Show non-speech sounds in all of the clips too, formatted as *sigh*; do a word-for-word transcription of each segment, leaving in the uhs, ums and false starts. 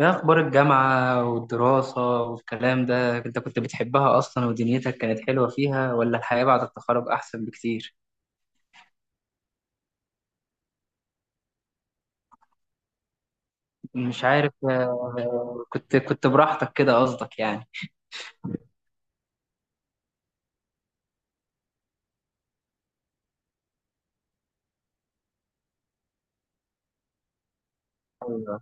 ايه اخبار الجامعة والدراسة والكلام ده انت كنت بتحبها اصلا ودنيتك كانت حلوة فيها ولا الحياة بعد التخرج احسن بكتير؟ مش عارف. آه، كنت كنت براحتك كده قصدك يعني؟ ايوه.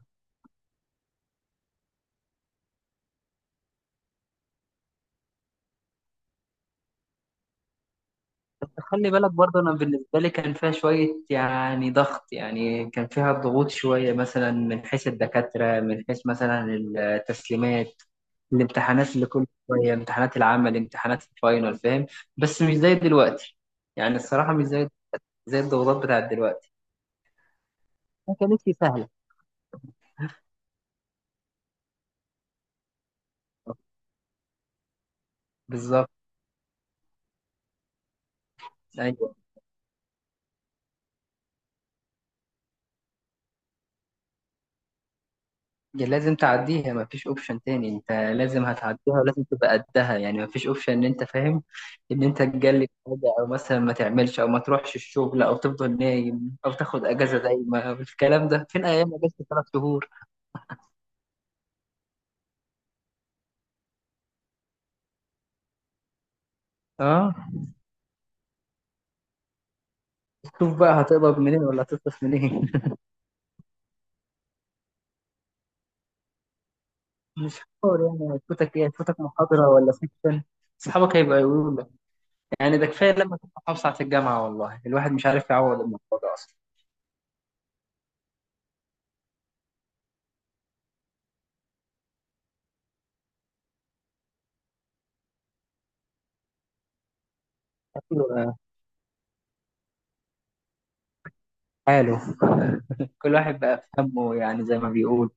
خلي بالك برضه انا بالنسبة لي كان فيها شوية يعني ضغط، يعني كان فيها ضغوط شوية مثلا، من حيث الدكاترة، من حيث مثلا التسليمات، الامتحانات اللي كل شوية، امتحانات العمل، امتحانات الفاينل، فاهم؟ بس مش زي دلوقتي. يعني الصراحة مش زي زي الضغوطات بتاعت دلوقتي. ما كانتش سهله. بالظبط. ايوه، يا لازم تعديها، مفيش اوبشن تاني، انت لازم هتعديها ولازم تبقى قدها، يعني مفيش اوبشن ان انت فاهم ان انت تجلد حاجه او مثلا ما تعملش او ما تروحش الشغل او تفضل نايم او تاخد اجازه دايما، الكلام ده فين؟ ايام اجازه ثلاث شهور. اه. شوف بقى هتقبض منين ولا هتصرف منين؟ *laughs* مش حوار يعني، هتفوتك ايه؟ هتفوتك محاضره ولا سيكشن. اصحابك هيبقى يقولوا. يعني ده كفايه لما كنت محافظ على الجامعه، والله الواحد مش عارف يعوض الموضوع ده اصلا. أيوة. حاله. كل واحد بقى في همه، يعني زي ما بيقول.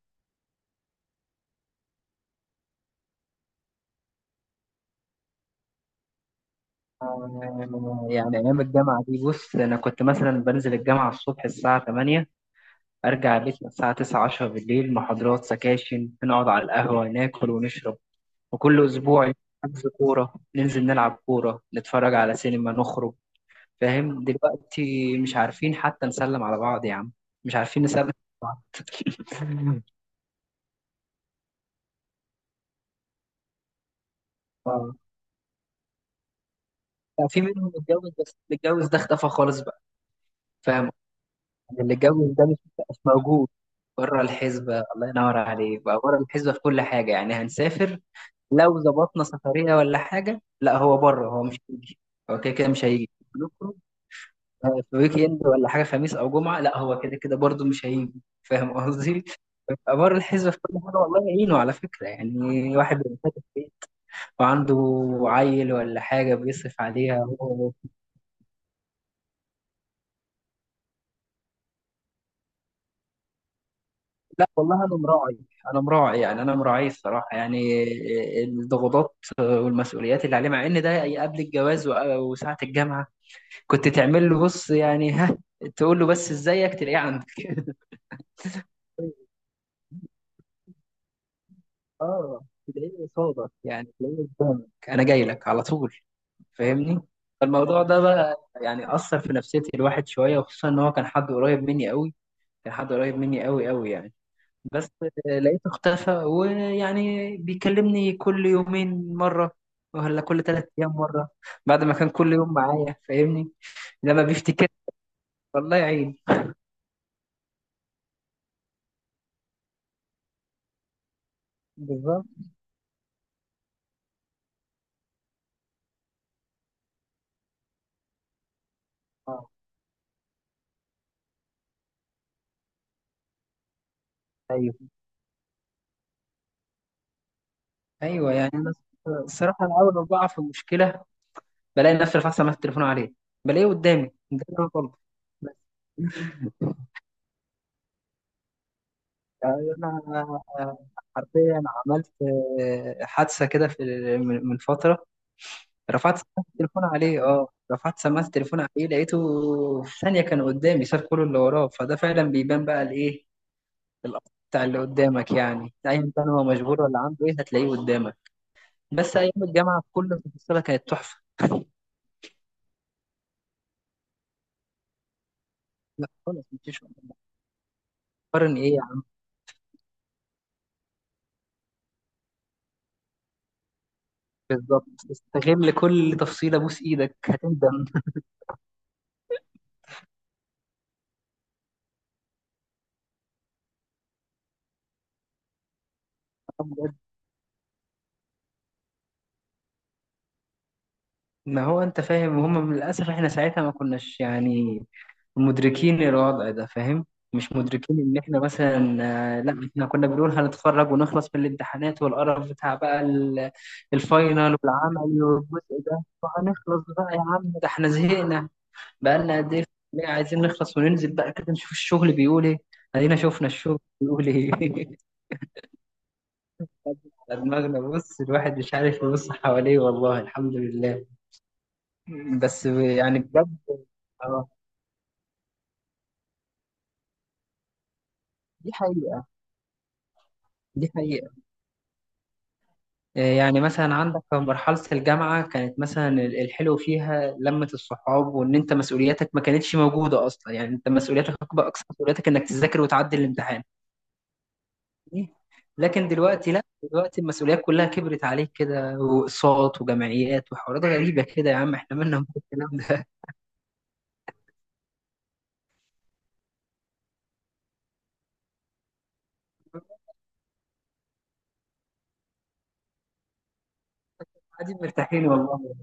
آه، يعني ايام الجامعه دي، بص انا كنت مثلا بنزل الجامعه الصبح الساعه الثامنة، ارجع البيت الساعه تسعة عشرة بالليل، محاضرات، سكاشن، نقعد على القهوه، ناكل ونشرب. وكل اسبوع حجز كوره، ننزل نلعب كوره، نتفرج على سينما، نخرج. فاهم؟ دلوقتي مش عارفين حتى نسلم على بعض يا عم. مش عارفين نسلم على بعض. *laughs* اه. لا، في منهم اتجوز، بس اللي اتجوز ده اختفى خالص بقى. فاهم؟ يعني اللي اتجوز ده مش مش موجود. بره الحسبة، الله ينور عليك بقى، بره الحسبة في كل حاجة. يعني هنسافر لو ظبطنا سفرية ولا حاجة، لا هو بره، هو مش هيجي. هو كده كده مش هيجي. نخرج. آه، في ويك اند ولا حاجة، خميس أو جمعة، لا هو كده كده برضه مش هيجي. فاهم قصدي؟ بيبقى بره الحسبة في كل حاجة. والله يعينه، على فكرة يعني واحد بيبقى فاتح بيت وعنده عيل ولا حاجة بيصرف عليها هو. لا والله انا مراعي. انا مراعي يعني، انا مراعي الصراحه يعني الضغوطات والمسؤوليات اللي عليه، مع ان ده قبل الجواز و- وساعه الجامعه كنت تعمل له، بص يعني، ها، تقول له بس ازيك، تلاقيه عندك. *laughs* اه، تلاقيه قصادك، يعني تلاقيه قدامك، انا جاي لك على طول. فاهمني؟ فالموضوع ده بقى يعني اثر في نفسيه الواحد شويه، وخصوصا ان هو كان حد قريب مني قوي. كان حد قريب مني قوي قوي يعني. بس لقيته اختفى، ويعني بيكلمني كل يومين مرة، ولا كل ثلاث أيام مرة، بعد ما كان كل يوم معايا. فاهمني؟ لما بيفتكر، والله يعين. بالظبط. آه، أيوه أيوه. يعني أنا، الصراحة أنا أول ما بقع في مشكلة بلاقي نفسي رفعت سماعة التليفون عليه، بلاقيه قدامي قدامي على طول. أنا حرفيا عملت حادثة كده في، من من فترة، رفعت سماعة التليفون عليه اه رفعت سماعة التليفون عليه، لقيته في ثانية كان قدامي، ساب كل اللي وراه. فده فعلا بيبان بقى الايه، الأثر بتاع اللي قدامك. يعني أيا كان هو مشغول ولا عنده ايه، هتلاقيه قدامك. بس أيام الجامعة كل تفصيلة كانت تحفة. لا خالص، مفيش مقارن ايه يا عم. بالظبط، استغل كل تفصيلة، بوس ايدك هتندم. ما هو انت فاهم، هم للاسف احنا ساعتها ما كناش يعني مدركين الوضع ده، فاهم؟ مش مدركين ان احنا مثلا. آه، لا احنا كنا بنقول هنتخرج ونخلص من الامتحانات والقرف بتاع بقى، ال- الفاينل والعمل والجزء ده وهنخلص بقى، يا عم ده احنا زهقنا، بقالنا قد ايه في الكلية، عايزين نخلص وننزل بقى كده نشوف الشغل بيقول ايه. ادينا شفنا الشغل بيقول ايه. *laughs* على دماغنا. بص الواحد مش عارف يبص حواليه، والله الحمد لله. بس يعني بجد. اه. دي حقيقة. دي حقيقة. آه، يعني مثلا عندك في مرحلة الجامعة، كانت مثلا ال- الحلو فيها لمة الصحاب، وإن أنت مسؤولياتك ما كانتش موجودة أصلا، يعني أنت مسؤولياتك أكبر، أقصى مسؤولياتك إنك تذاكر وتعدي الامتحان. لكن دلوقتي لا، دلوقتي المسؤوليات كلها كبرت عليك كده، وأقساط وجمعيات وحوارات غريبة كده، يا عم إحنا مالنا من الكلام ده. *laughs* قاعدين مرتاحين والله.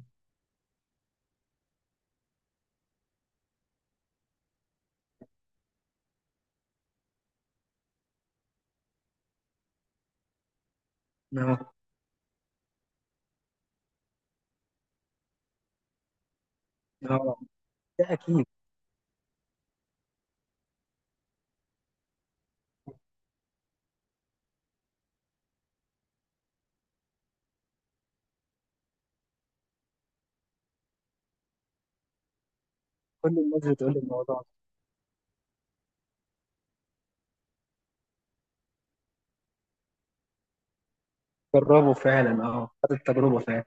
آه، آه، ده أكيد. كل الناس بتقول الموضوع. جربوا فعلا، أه خد التجربة فعلا.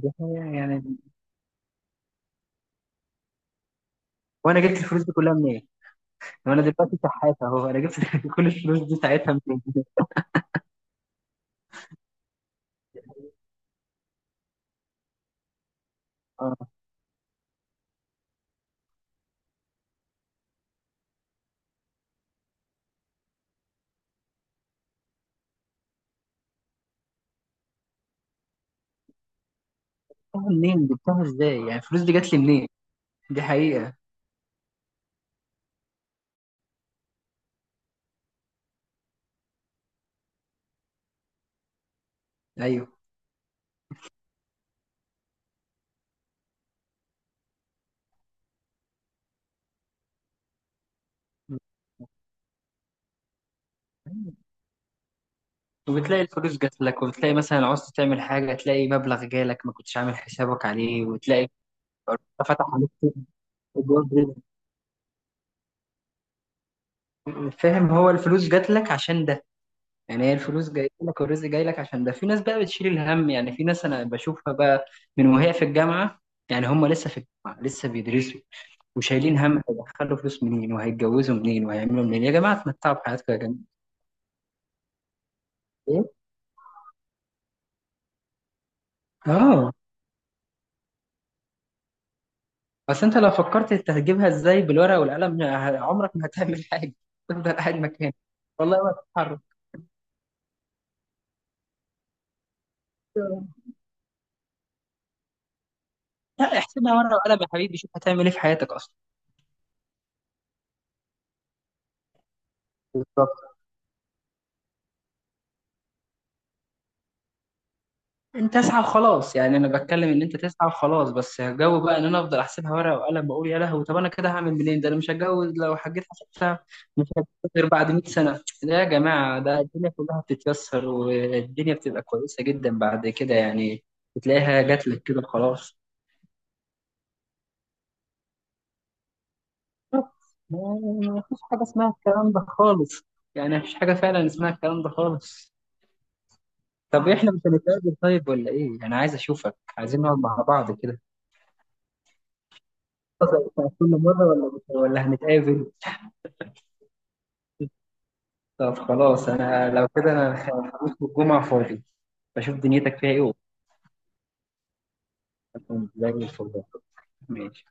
دي حقيقة يعني. وانا جبت الفلوس دي كلها منين؟ لو انا دلوقتي شحات اهو، انا جبت *laughs* كل الفلوس دي ساعتها منين؟ اه. جبتها منين؟ جبتها ازاي؟ يعني الفلوس دي جت لي منين؟ دي حقيقة. ايوه، وبتلاقي الفلوس جات لك، وبتلاقي مثلا عوزت تعمل حاجة تلاقي مبلغ جالك ما كنتش عامل حسابك عليه، وتلاقي فتح عليك أبواب رزق. فاهم؟ هو الفلوس جات لك عشان ده. يعني هي الفلوس جايه لك والرزق جاي لك عشان ده. في ناس بقى بتشيل الهم، يعني في ناس انا بشوفها بقى من وهي في الجامعه، يعني هم لسه في الجامعه لسه بيدرسوا، وشايلين هم هيدخلوا فلوس منين وهيتجوزوا منين وهيعملوا منين. يا جماعه اتمتعوا بحياتكم يا جماعه. ايه. اه. اصل انت لو فكرت انت هتجيبها ازاي بالورقه والقلم، ه- عمرك ما هتعمل حاجه. تفضل قاعد مكانك، والله ما تتحرك. لا احسبها ورقه وقلم يا حبيبي، شوف هتعمل ايه في حياتك اصلا. بالظبط. انت اسعى وخلاص. يعني انا بتكلم ان انت تسعى وخلاص، بس الجو بقى ان انا افضل احسبها ورقه وقلم، بقول يا لهوي، طب انا كده هعمل منين، ده انا مش هتجوز لو حجيت حسبتها. مش هتجوز غير بعد مية سنه. لا يا جماعه، ده الدنيا كلها بتتيسر، والدنيا بتبقى كويسه جدا بعد كده يعني. بتلاقيها جات لك كده، خلاص. ما فيش حاجه اسمها الكلام ده خالص. يعني مفيش حاجه فعلا اسمها الكلام ده خالص. طب احنا مش هنتقابل طيب، ولا ايه؟ انا عايز اشوفك، عايزين نقعد مع بعض كده بتاع كل مرة، ولا بت- ولا هنتقابل؟ طب خلاص، أنا لو كده أنا، خ- خميس والجمعة فاضي. بشوف دنيتك فيها إيه وأقول لك زي الفل. ماشي.